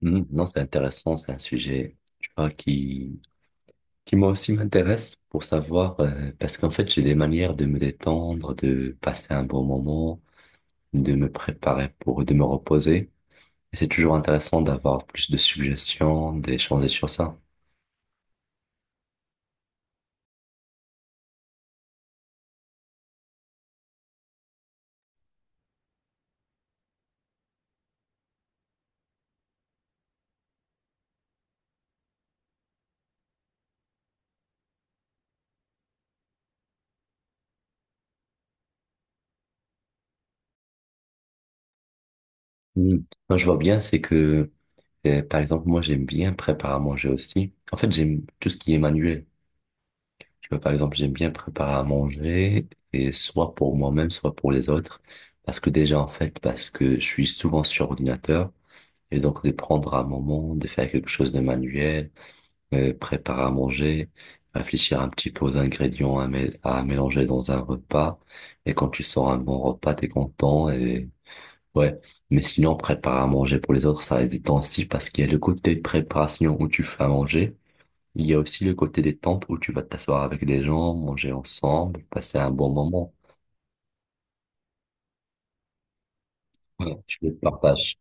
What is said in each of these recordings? Mhm. Non, c'est intéressant, c'est un sujet, tu vois, qui moi aussi m'intéresse pour savoir, parce qu'en fait, j'ai des manières de me détendre, de passer un bon moment, de me préparer pour, de me reposer. Et c'est toujours intéressant d'avoir plus de suggestions, d'échanger sur ça. Mm. Moi, je vois bien, c'est que, par exemple, moi, j'aime bien préparer à manger aussi. En fait, j'aime tout ce qui est manuel. Tu vois, par exemple, j'aime bien préparer à manger, et soit pour moi-même, soit pour les autres. Parce que déjà, en fait, parce que je suis souvent sur ordinateur, et donc de prendre un moment, de faire quelque chose de manuel, préparer à manger, réfléchir un petit peu aux ingrédients à, à mélanger dans un repas. Et quand tu sors un bon repas, t'es content, et ouais. Mais sinon, préparer à manger pour les autres, ça a du temps aussi, parce qu'il y a le côté préparation où tu fais à manger. Il y a aussi le côté détente où tu vas t'asseoir avec des gens, manger ensemble, passer un bon moment. Ouais, tu le partages.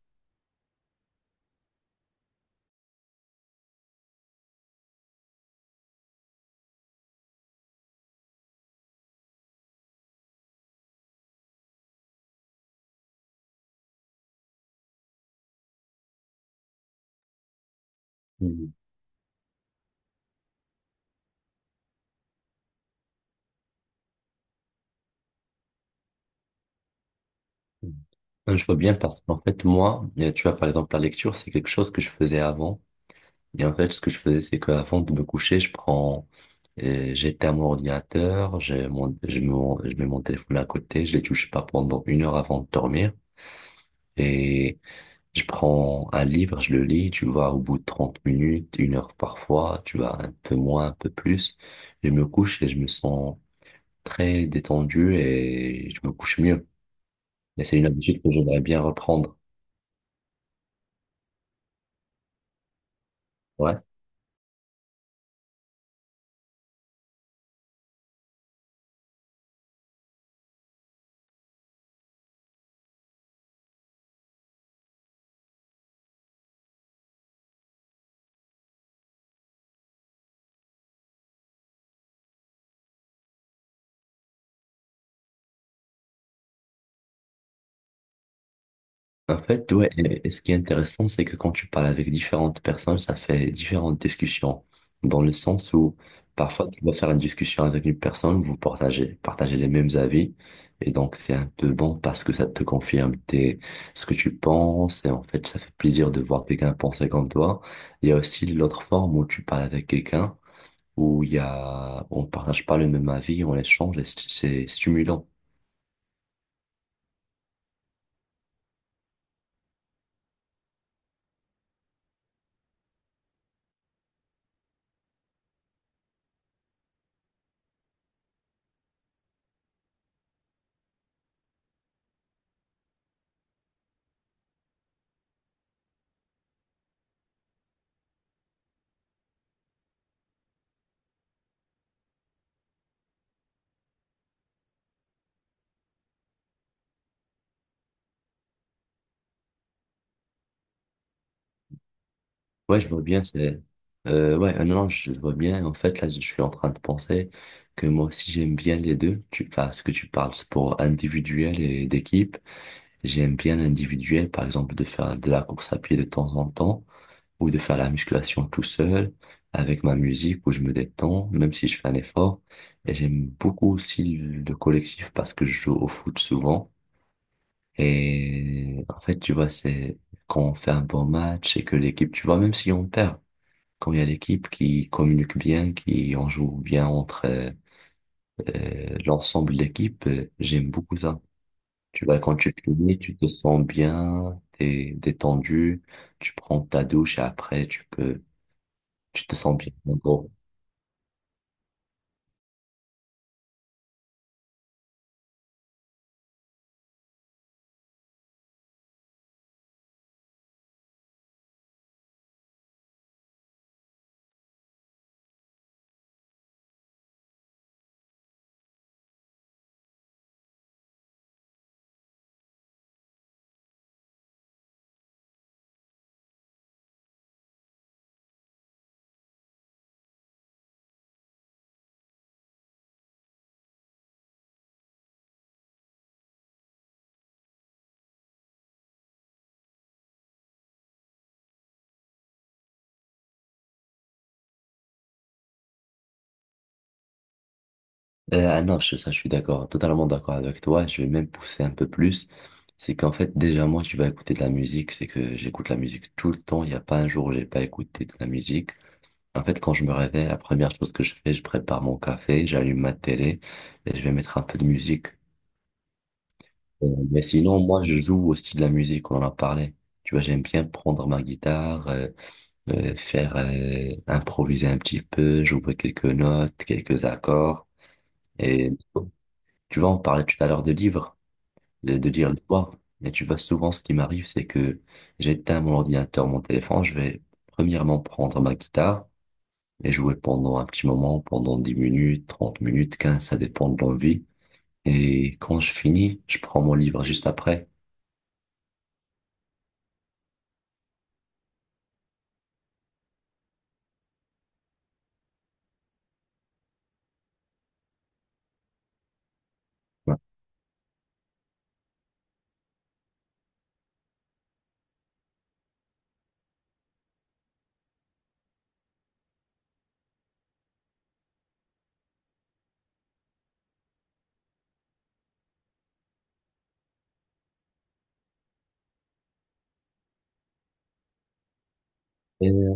Mhm. Non, je vois bien parce qu'en fait, moi, tu vois, par exemple, la lecture, c'est quelque chose que je faisais avant. Et en fait, ce que je faisais, c'est qu'avant de me coucher, je prends, j'éteins à mon ordinateur, j'ai mon, je, mets mon- je mets mon téléphone à côté, je les touche pas pendant 1 heure avant de dormir. Et je prends un livre, je le lis, tu vois, au bout de 30 minutes, 1 heure parfois, tu vois, un peu moins, un peu plus. Je me couche et je me sens très détendu et je me couche mieux. Et c'est une habitude que j'aimerais bien reprendre. Ouais. En fait, ouais, et ce qui est intéressant, c'est que quand tu parles avec différentes personnes, ça fait différentes discussions, dans le sens où parfois tu vas faire une discussion avec une personne, vous partagez, partagez les mêmes avis, et donc c'est un peu bon parce que ça te confirme tes, ce que tu penses, et en fait, ça fait plaisir de voir quelqu'un penser comme toi. Il y a aussi l'autre forme où tu parles avec quelqu'un, où il y a, on partage pas le même avis, on échange, et c'est stimulant. Ouais, je vois bien, c'est... ouais, non, non, je vois bien. En fait, là, je suis en train de penser que moi aussi, j'aime bien les deux. Tu... Enfin, ce que tu parles, sport individuel et d'équipe. J'aime bien l'individuel, par exemple, de faire de la course à pied de temps en temps ou de faire la musculation tout seul avec ma musique où je me détends, même si je fais un effort. Et j'aime beaucoup aussi le collectif parce que je joue au foot souvent. Et en fait, tu vois, c'est quand on fait un bon match et que l'équipe, tu vois, même si on perd, quand il y a l'équipe qui communique bien, qui en joue bien entre l'ensemble de l'équipe, j'aime beaucoup ça. Tu vois, quand tu finis, tu te sens bien, t'es détendu, tu prends ta douche et après tu peux, tu te sens bien. En gros. Ah non, ça, je suis d'accord, totalement d'accord avec toi. Je vais même pousser un peu plus. C'est qu'en fait, déjà, moi, tu vas écouter de la musique. C'est que j'écoute la musique tout le temps. Il n'y a pas un jour où j'ai pas écouté de la musique. En fait, quand je me réveille, la première chose que je fais, je prépare mon café, j'allume ma télé et je vais mettre un peu de musique. Mais sinon, moi, je joue aussi de la musique, on en a parlé. Tu vois, j'aime bien prendre ma guitare, faire improviser un petit peu, jouer quelques notes, quelques accords. Et tu vois, on parlait tout à l'heure de livres, de lire le soir. Mais tu vois, souvent, ce qui m'arrive, c'est que j'éteins mon ordinateur, mon téléphone, je vais premièrement prendre ma guitare et jouer pendant un petit moment, pendant 10 minutes, 30 minutes, 15 ça dépend de l'envie. Et quand je finis, je prends mon livre juste après. Et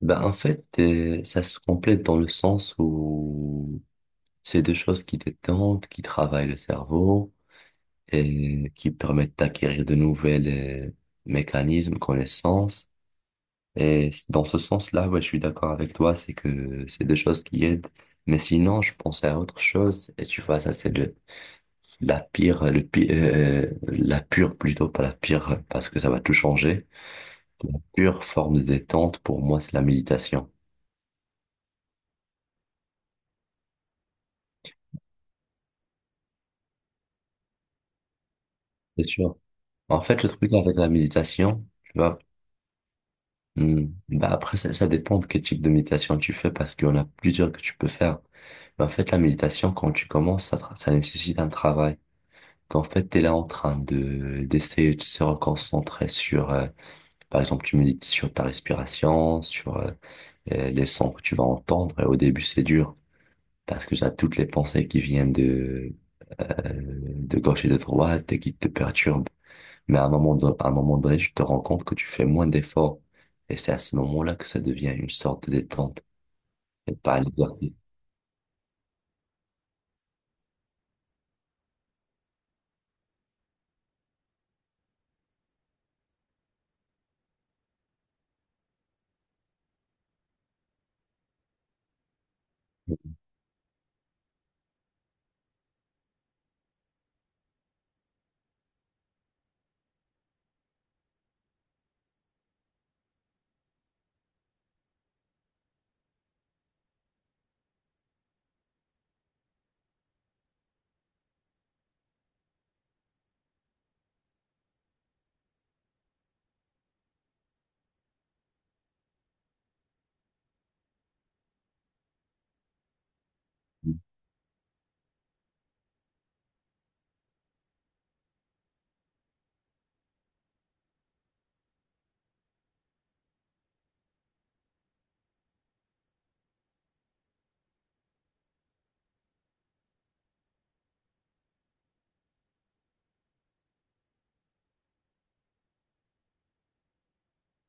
ben en fait, ça se complète dans le sens où c'est des choses qui détendent, qui travaillent le cerveau et qui permettent d'acquérir de nouvelles euh, mécanismes, connaissances. Et c- dans ce sens-là, ouais, je suis d'accord avec toi, c'est que c'est des choses qui aident. Mais sinon, je pensais à autre chose. Et tu vois, ça, c'est de La pire, la pure plutôt, pas la pire, parce que ça va tout changer. La pure forme de détente, pour moi, c'est la méditation. C'est sûr. En fait, le truc avec la méditation, tu vois, bah après, ça dépend de quel type de méditation tu fais, parce qu'il y en a plusieurs que tu peux faire. Mais en fait, la méditation, quand tu commences, ça, ça nécessite un travail. Qu'en fait, tu es là en train de d'essayer de se reconcentrer sur, par exemple, tu médites sur ta respiration, sur les sons que tu vas entendre, et au début, c'est dur. Parce que j'ai toutes les pensées qui viennent de gauche et de droite et qui te perturbent. Mais à un moment, à un moment donné, tu te rends compte que tu fais moins d'efforts. Et c'est à ce moment-là que ça devient une sorte de détente et pas un exercice.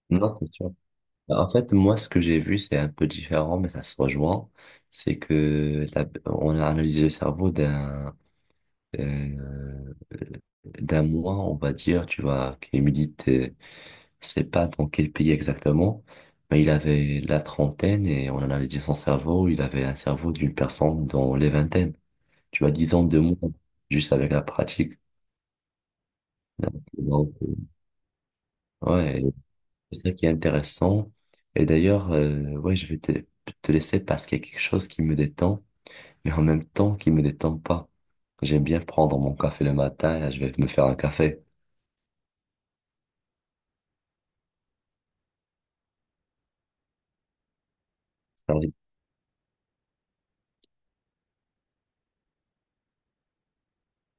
Non, c'est sûr. En fait, moi, ce que j'ai vu, c'est un peu différent, mais ça se rejoint. C'est que la- on a analysé le cerveau d'un euh, d'un moine, on va dire, tu vois, qui médite. Je sais pas dans quel pays exactement, mais il avait la trentaine et on en analysait son cerveau, il avait un cerveau d'une personne dans les vingtaines. Tu vois, 10 ans de moins, juste avec la pratique. Donc, ouais, c'est ça qui est intéressant. Et d'ailleurs, ouais, je vais te laisser parce qu'il y a quelque chose qui me détend, mais en même temps qui me détend pas. J'aime bien prendre mon café le matin, je vais me faire un café.